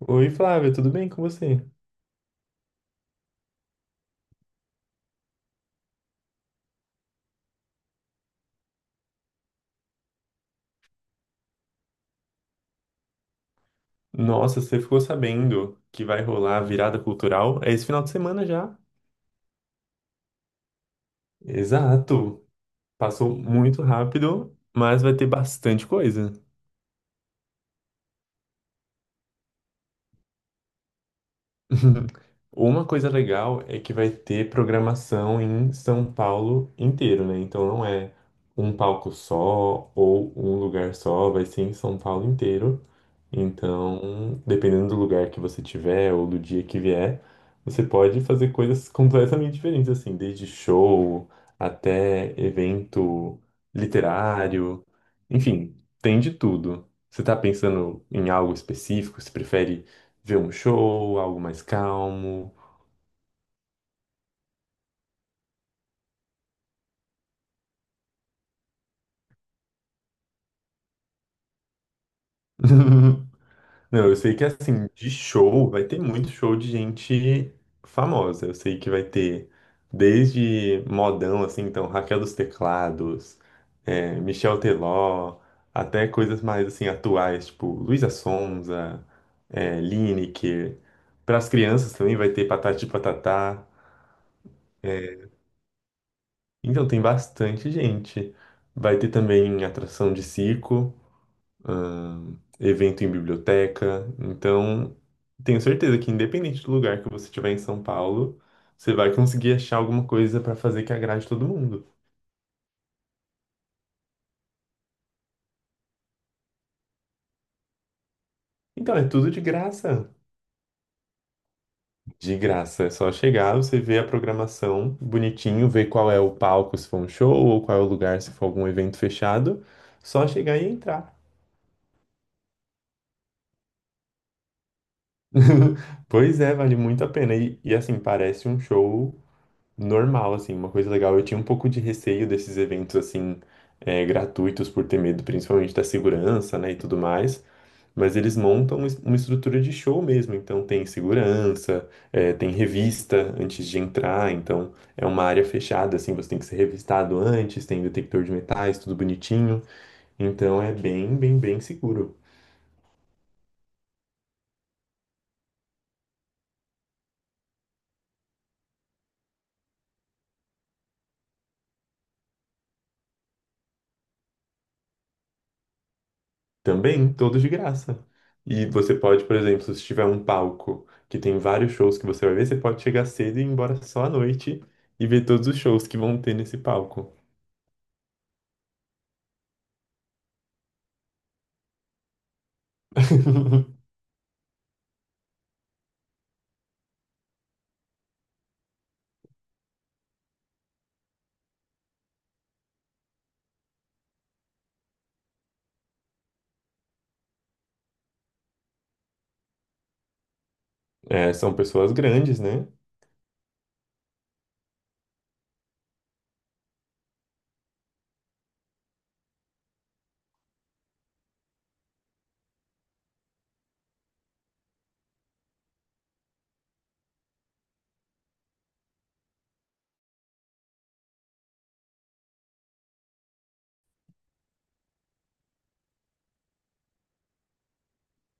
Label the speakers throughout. Speaker 1: Oi, Flávia, tudo bem com você? Nossa, você ficou sabendo que vai rolar a virada cultural? É esse final de semana já. Exato. Passou muito rápido, mas vai ter bastante coisa. Uma coisa legal é que vai ter programação em São Paulo inteiro, né? Então não é um palco só ou um lugar só, vai ser em São Paulo inteiro. Então, dependendo do lugar que você tiver ou do dia que vier, você pode fazer coisas completamente diferentes, assim, desde show até evento literário, enfim, tem de tudo. Você tá pensando em algo específico? Você prefere ver um show, algo mais calmo? Não, eu sei que assim, de show, vai ter muito show de gente famosa. Eu sei que vai ter desde modão, assim, então, Raquel dos Teclados, é, Michel Teló, até coisas mais, assim, atuais, tipo Luísa Sonza, é, Lineker. Para as crianças também vai ter Patati e Patatá. Então, tem bastante gente. Vai ter também atração de circo. Evento em biblioteca. Então, tenho certeza que independente do lugar que você estiver em São Paulo, você vai conseguir achar alguma coisa para fazer que agrade todo mundo. Então, é tudo de graça. De graça. É só chegar, você vê a programação bonitinho, vê qual é o palco, se for um show, ou qual é o lugar, se for algum evento fechado. Só chegar e entrar. Pois é, vale muito a pena. E assim, parece um show normal, assim, uma coisa legal. Eu tinha um pouco de receio desses eventos, assim, é, gratuitos, por ter medo principalmente da segurança, né, e tudo mais. Mas eles montam uma estrutura de show mesmo. Então, tem segurança, é, tem revista antes de entrar. Então, é uma área fechada, assim, você tem que ser revistado antes, tem detector de metais, tudo bonitinho. Então, é bem, bem, bem seguro. Também, todos de graça. E você pode, por exemplo, se tiver um palco que tem vários shows que você vai ver, você pode chegar cedo e ir embora só à noite e ver todos os shows que vão ter nesse palco. É, são pessoas grandes, né?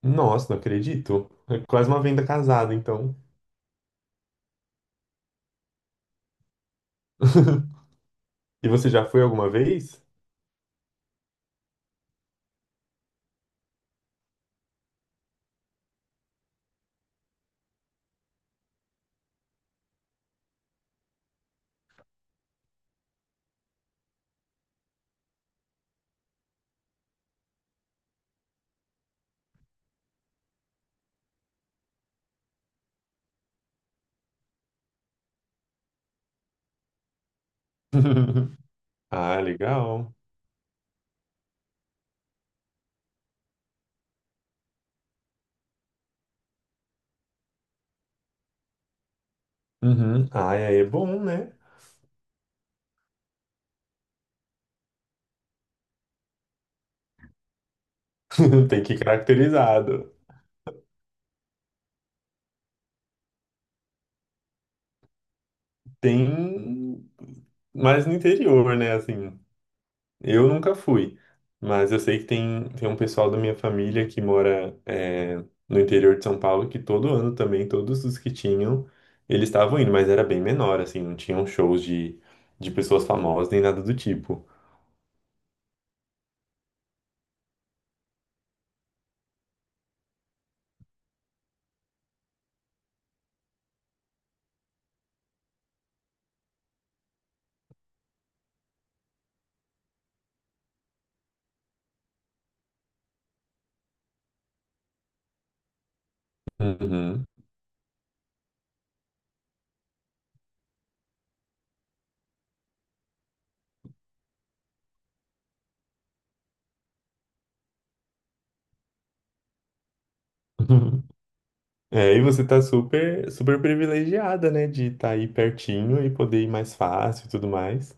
Speaker 1: Nossa, não acredito. É quase uma venda casada, então. E você já foi alguma vez? Ah, legal. Uhum. Ah, aí é bom, né? Tem que ir caracterizado. Tem mais no interior, né? Assim. Eu nunca fui, mas eu sei que tem, tem um pessoal da minha família que mora é, no interior de São Paulo que todo ano também, todos os que tinham, eles estavam indo, mas era bem menor, assim, não tinham shows de pessoas famosas nem nada do tipo. Uhum. É, e você tá super, super privilegiada, né, de estar aí pertinho e poder ir mais fácil e tudo mais.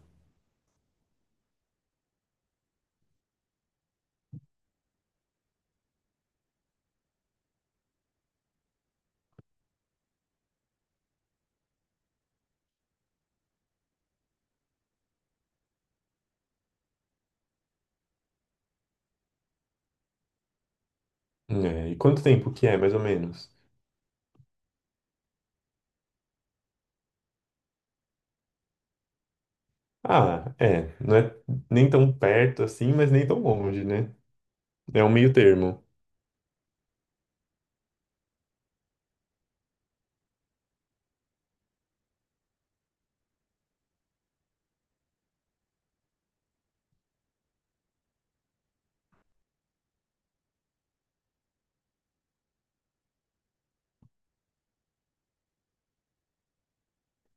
Speaker 1: É, e quanto tempo que é, mais ou menos? Ah, é, não é nem tão perto assim, mas nem tão longe, né? É um meio termo.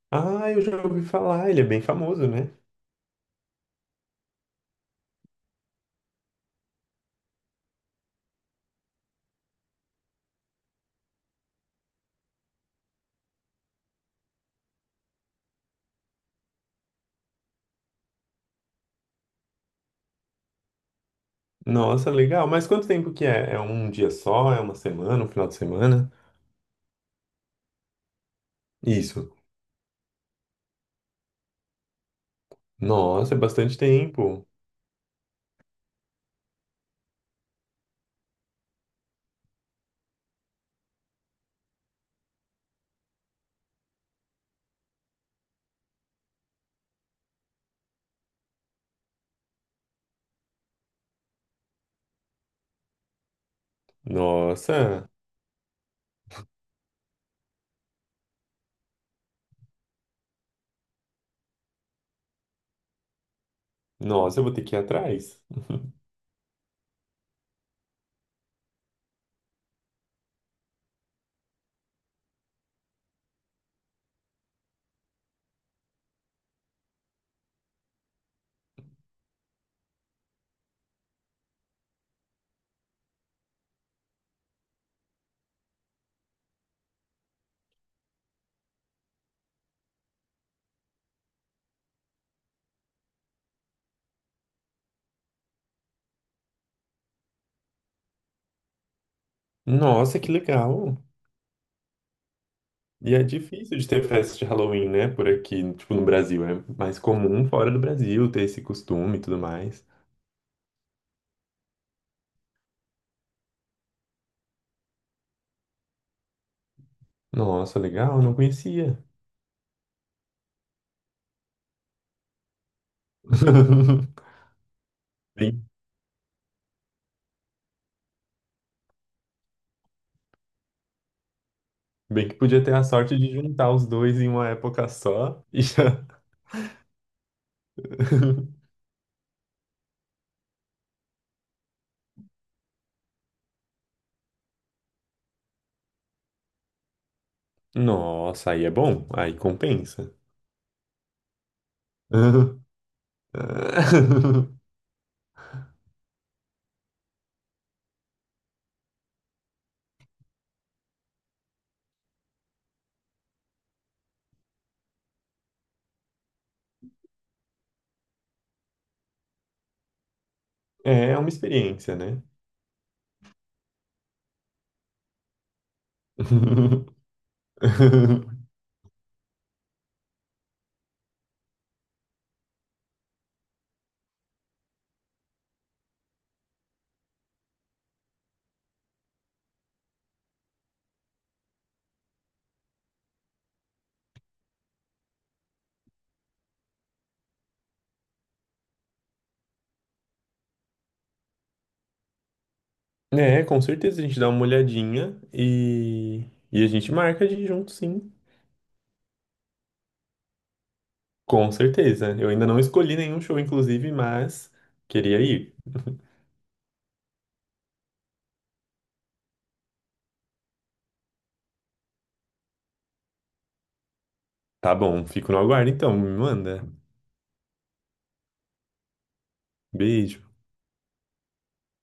Speaker 1: Ah, eu já ouvi falar, ele é bem famoso, né? Nossa, legal. Mas quanto tempo que é? É um dia só? É uma semana? Um final de semana? Isso. Nossa, é bastante tempo. Nossa, nossa, eu vou ter que ir atrás. Nossa, que legal. E é difícil de ter festa de Halloween, né? Por aqui, tipo, no Brasil. É mais comum fora do Brasil ter esse costume e tudo mais. Nossa, legal, não conhecia. Bem, bem que podia ter a sorte de juntar os dois em uma época só e já. Nossa, aí é bom, aí compensa. É uma experiência, né? É, com certeza a gente dá uma olhadinha e a gente marca de ir junto, sim. Com certeza. Eu ainda não escolhi nenhum show, inclusive, mas queria ir. Tá bom, fico no aguardo então, me manda. Beijo.